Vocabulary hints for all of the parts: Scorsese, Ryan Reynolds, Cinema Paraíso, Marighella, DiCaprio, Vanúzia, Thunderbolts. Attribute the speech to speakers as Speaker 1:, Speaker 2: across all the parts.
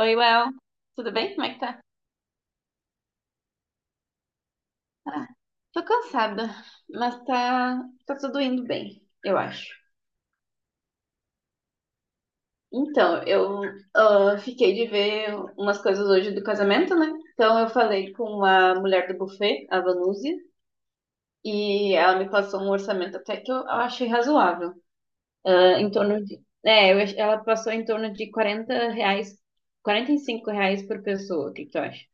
Speaker 1: Oi, Well. Tudo bem? Como é que tá? Ah, tô cansada, mas tá, tá tudo indo bem, eu acho. Então, eu fiquei de ver umas coisas hoje do casamento, né? Então, eu falei com a mulher do buffet, a Vanúzia, e ela me passou um orçamento até que eu achei razoável. Ah, em torno de. Ela passou em torno de R$ 40, R$ 45 por pessoa, o que que tu acha?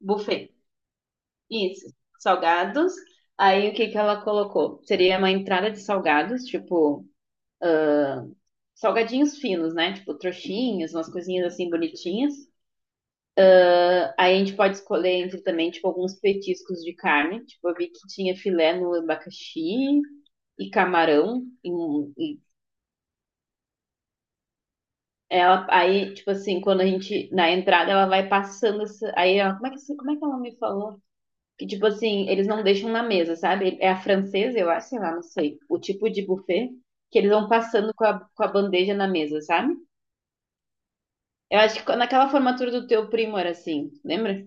Speaker 1: Buffet. Isso, salgados. Aí, o que que ela colocou? Seria uma entrada de salgados, tipo, salgadinhos finos, né? Tipo, trouxinhas, umas coisinhas assim bonitinhas. Ah, aí a gente pode escolher entre também, tipo, alguns petiscos de carne. Tipo, eu vi que tinha filé no abacaxi e camarão. E ela, aí, tipo assim, quando a gente, na entrada, ela vai passando. Aí, ela, como é que ela me falou? Que, tipo assim, eles não deixam na mesa, sabe? É a francesa, eu acho, sei lá, não sei. O tipo de buffet que eles vão passando com a bandeja na mesa, sabe? Eu acho que naquela formatura do teu primo era assim, lembra?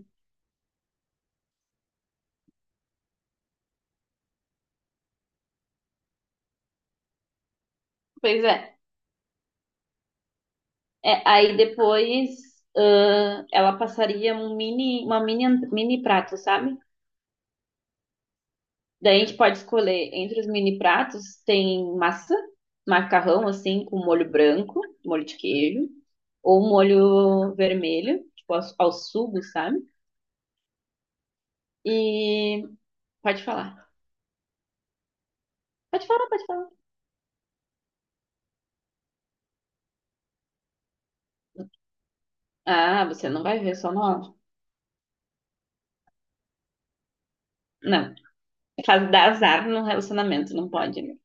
Speaker 1: Pois é. É, aí depois, ela passaria um mini, uma mini, ant- mini prato, sabe? Daí a gente pode escolher entre os mini pratos, tem massa, macarrão assim, com molho branco, molho de queijo, ou molho vermelho, tipo ao, ao sugo, sabe? E pode falar. Pode falar, pode falar. Ah, você não vai ver só no áudio. Não. É. Faz dar azar no relacionamento, não pode, né?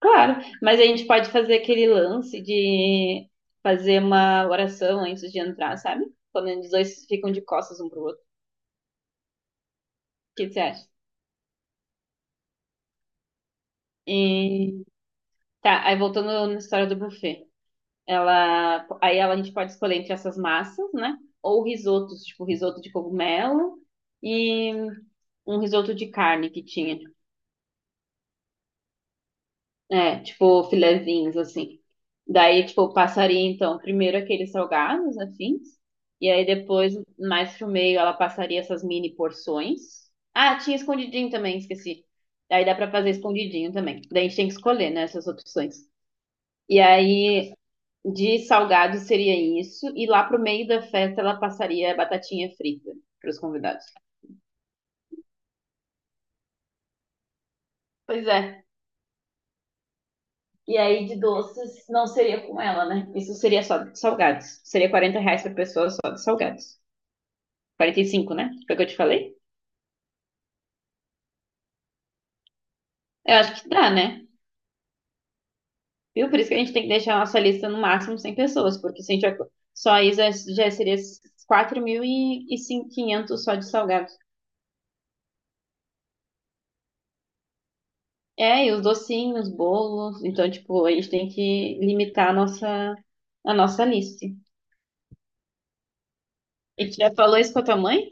Speaker 1: Claro, mas a gente pode fazer aquele lance de fazer uma oração antes de entrar, sabe? Quando os dois ficam de costas um pro outro. O que você acha? E tá, aí voltando na história do buffet. A gente pode escolher entre essas massas, né? Ou risotos, tipo risoto de cogumelo e um risoto de carne que tinha. É, tipo, filezinhos, assim. Daí, tipo, passaria, então, primeiro aqueles salgados, afins. E aí, depois, mais pro meio, ela passaria essas mini porções. Ah, tinha escondidinho também, esqueci. Daí dá pra fazer escondidinho também. Daí a gente tem que escolher, né, essas opções. E aí, de salgado seria isso. E lá pro meio da festa, ela passaria batatinha frita pros convidados. Pois é. E aí, de doces, não seria com ela, né? Isso seria só de salgados. Seria R$ 40 por pessoa só de salgados. 45, né? Foi o que eu te falei? Eu acho que dá, né? Viu? Por isso que a gente tem que deixar a nossa lista no máximo 100 pessoas, porque se a gente ac- só isso já já seria 4.500 só de salgados. É, e os docinhos, bolos. Então, tipo, a gente tem que limitar a nossa lista. E gente já falou isso com a tua mãe?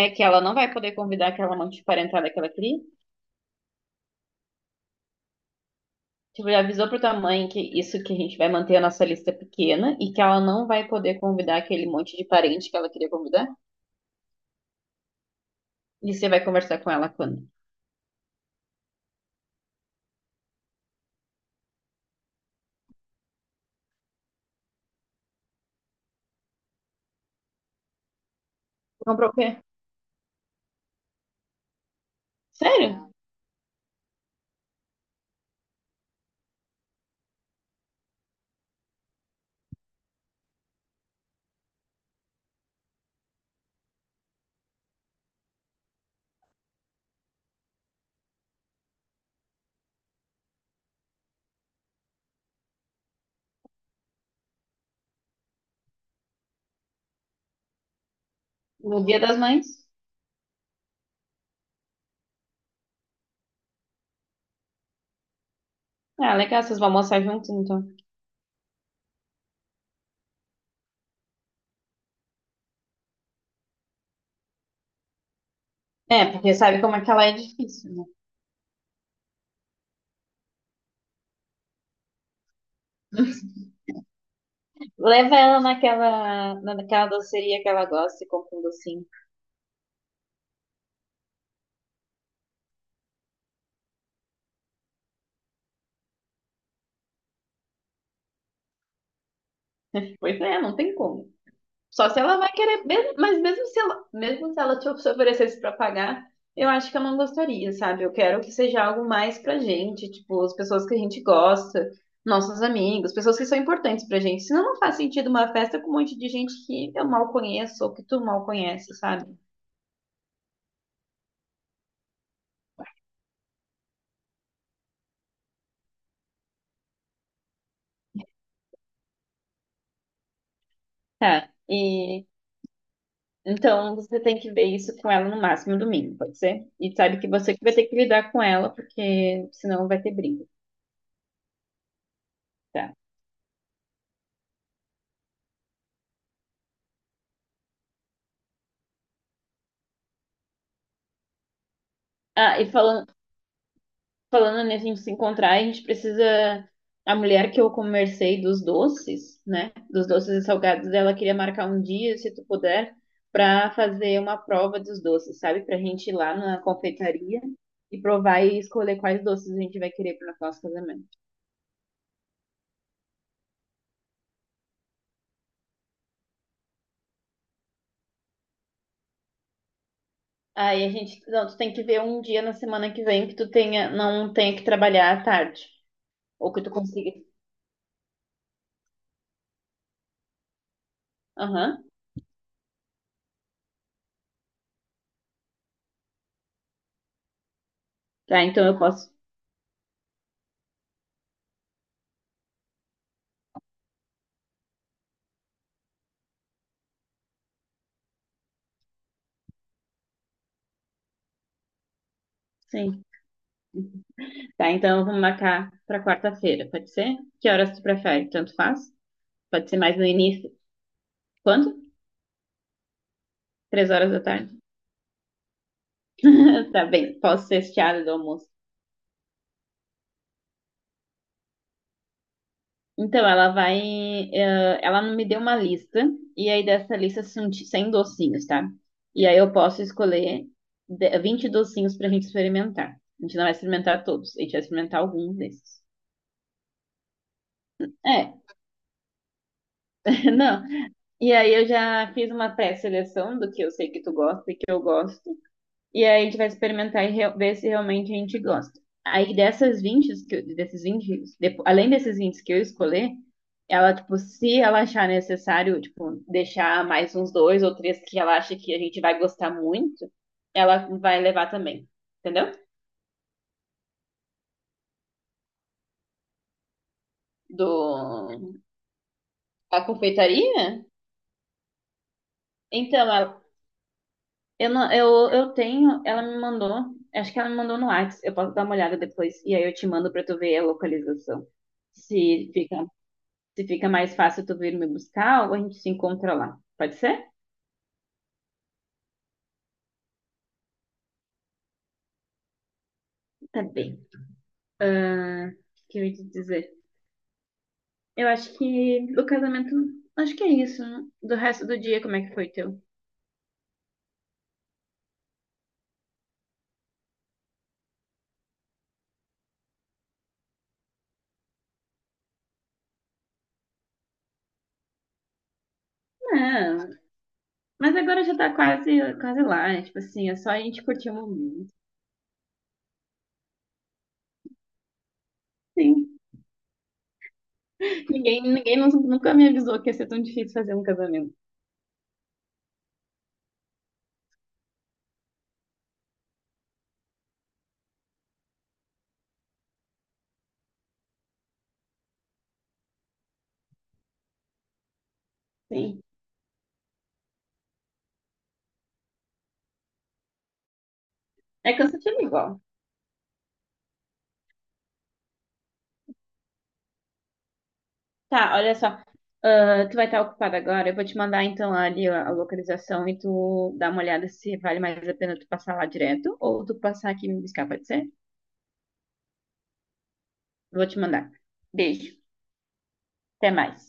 Speaker 1: É que ela não vai poder convidar aquela monte de parentada que ela queria? Tipo, já avisou pra tua mãe que isso que a gente vai manter a nossa lista pequena e que ela não vai poder convidar aquele monte de parente que ela queria convidar? E você vai conversar com ela quando? Comprou o quê? Sério? No Dia das Mães? Ah, legal, vocês vão almoçar juntos, então. É, porque sabe como é que ela é difícil, né? Leva ela naquela, naquela doceria que ela gosta e compra um docinho. Pois é, não tem como. Só se ela vai querer, mas mesmo se ela te oferecesse para pagar, eu acho que eu não gostaria, sabe? Eu quero que seja algo mais pra gente, tipo, as pessoas que a gente gosta, nossos amigos, pessoas que são importantes pra gente. Senão não faz sentido uma festa com um monte de gente que eu mal conheço ou que tu mal conhece, sabe? Tá, e então você tem que ver isso com ela no máximo domingo, pode ser? E sabe que você que vai ter que lidar com ela, porque senão vai ter briga, tá? Ah, e falando, Falando nisso, a gente se encontrar, a gente precisa. A mulher que eu conversei dos doces, né? Dos doces e salgados dela queria marcar um dia, se tu puder, pra fazer uma prova dos doces, sabe? Pra gente ir lá na confeitaria e provar e escolher quais doces a gente vai querer pro nosso casamento. Aí a gente. Não, tu tem que ver um dia na semana que vem que tu tenha, não tenha que trabalhar à tarde. Ou que tu consiga. Aham. Tá, então eu posso. Sim. Tá, então vamos marcar para quarta-feira, pode ser? Que horas tu prefere? Tanto faz? Pode ser mais no início. Quando? 3 horas da tarde. Tá bem, posso ser estiada do almoço. Então, ela vai. Ela me deu uma lista, e aí dessa lista são de 100 docinhos, tá? E aí eu posso escolher 20 docinhos pra gente experimentar. A gente não vai experimentar todos, a gente vai experimentar alguns desses. É, não. E aí eu já fiz uma pré-seleção do que eu sei que tu gosta e que eu gosto. E aí a gente vai experimentar e re- ver se realmente a gente gosta. Aí dessas 20 que eu- além desses 20 que eu escolher, ela, tipo, se ela achar necessário, tipo, deixar mais uns dois ou três que ela acha que a gente vai gostar muito, ela vai levar também. Entendeu? Do... A confeitaria? Então, ela, eu, não, eu tenho, ela me mandou, acho que ela me mandou no Whats, eu posso dar uma olhada depois, e aí eu te mando pra tu ver a localização. Se fica Se fica mais fácil tu vir me buscar ou a gente se encontra lá. Pode ser? Tá bem. Ah, o que eu ia te dizer? Eu acho que o casamento. Acho que é isso, né? Do resto do dia, como é que foi teu? Não, mas agora já tá quase, quase lá. Tipo assim, é só a gente curtir o momento. Sim. Nunca me avisou que ia ser tão difícil fazer um casamento. Sim. É cansativo igual. Tá, olha só. Ah, tu vai estar ocupada agora. Eu vou te mandar então ali a localização e tu dá uma olhada se vale mais a pena tu passar lá direto ou tu passar aqui e me buscar, pode ser? Vou te mandar. Beijo. Até mais.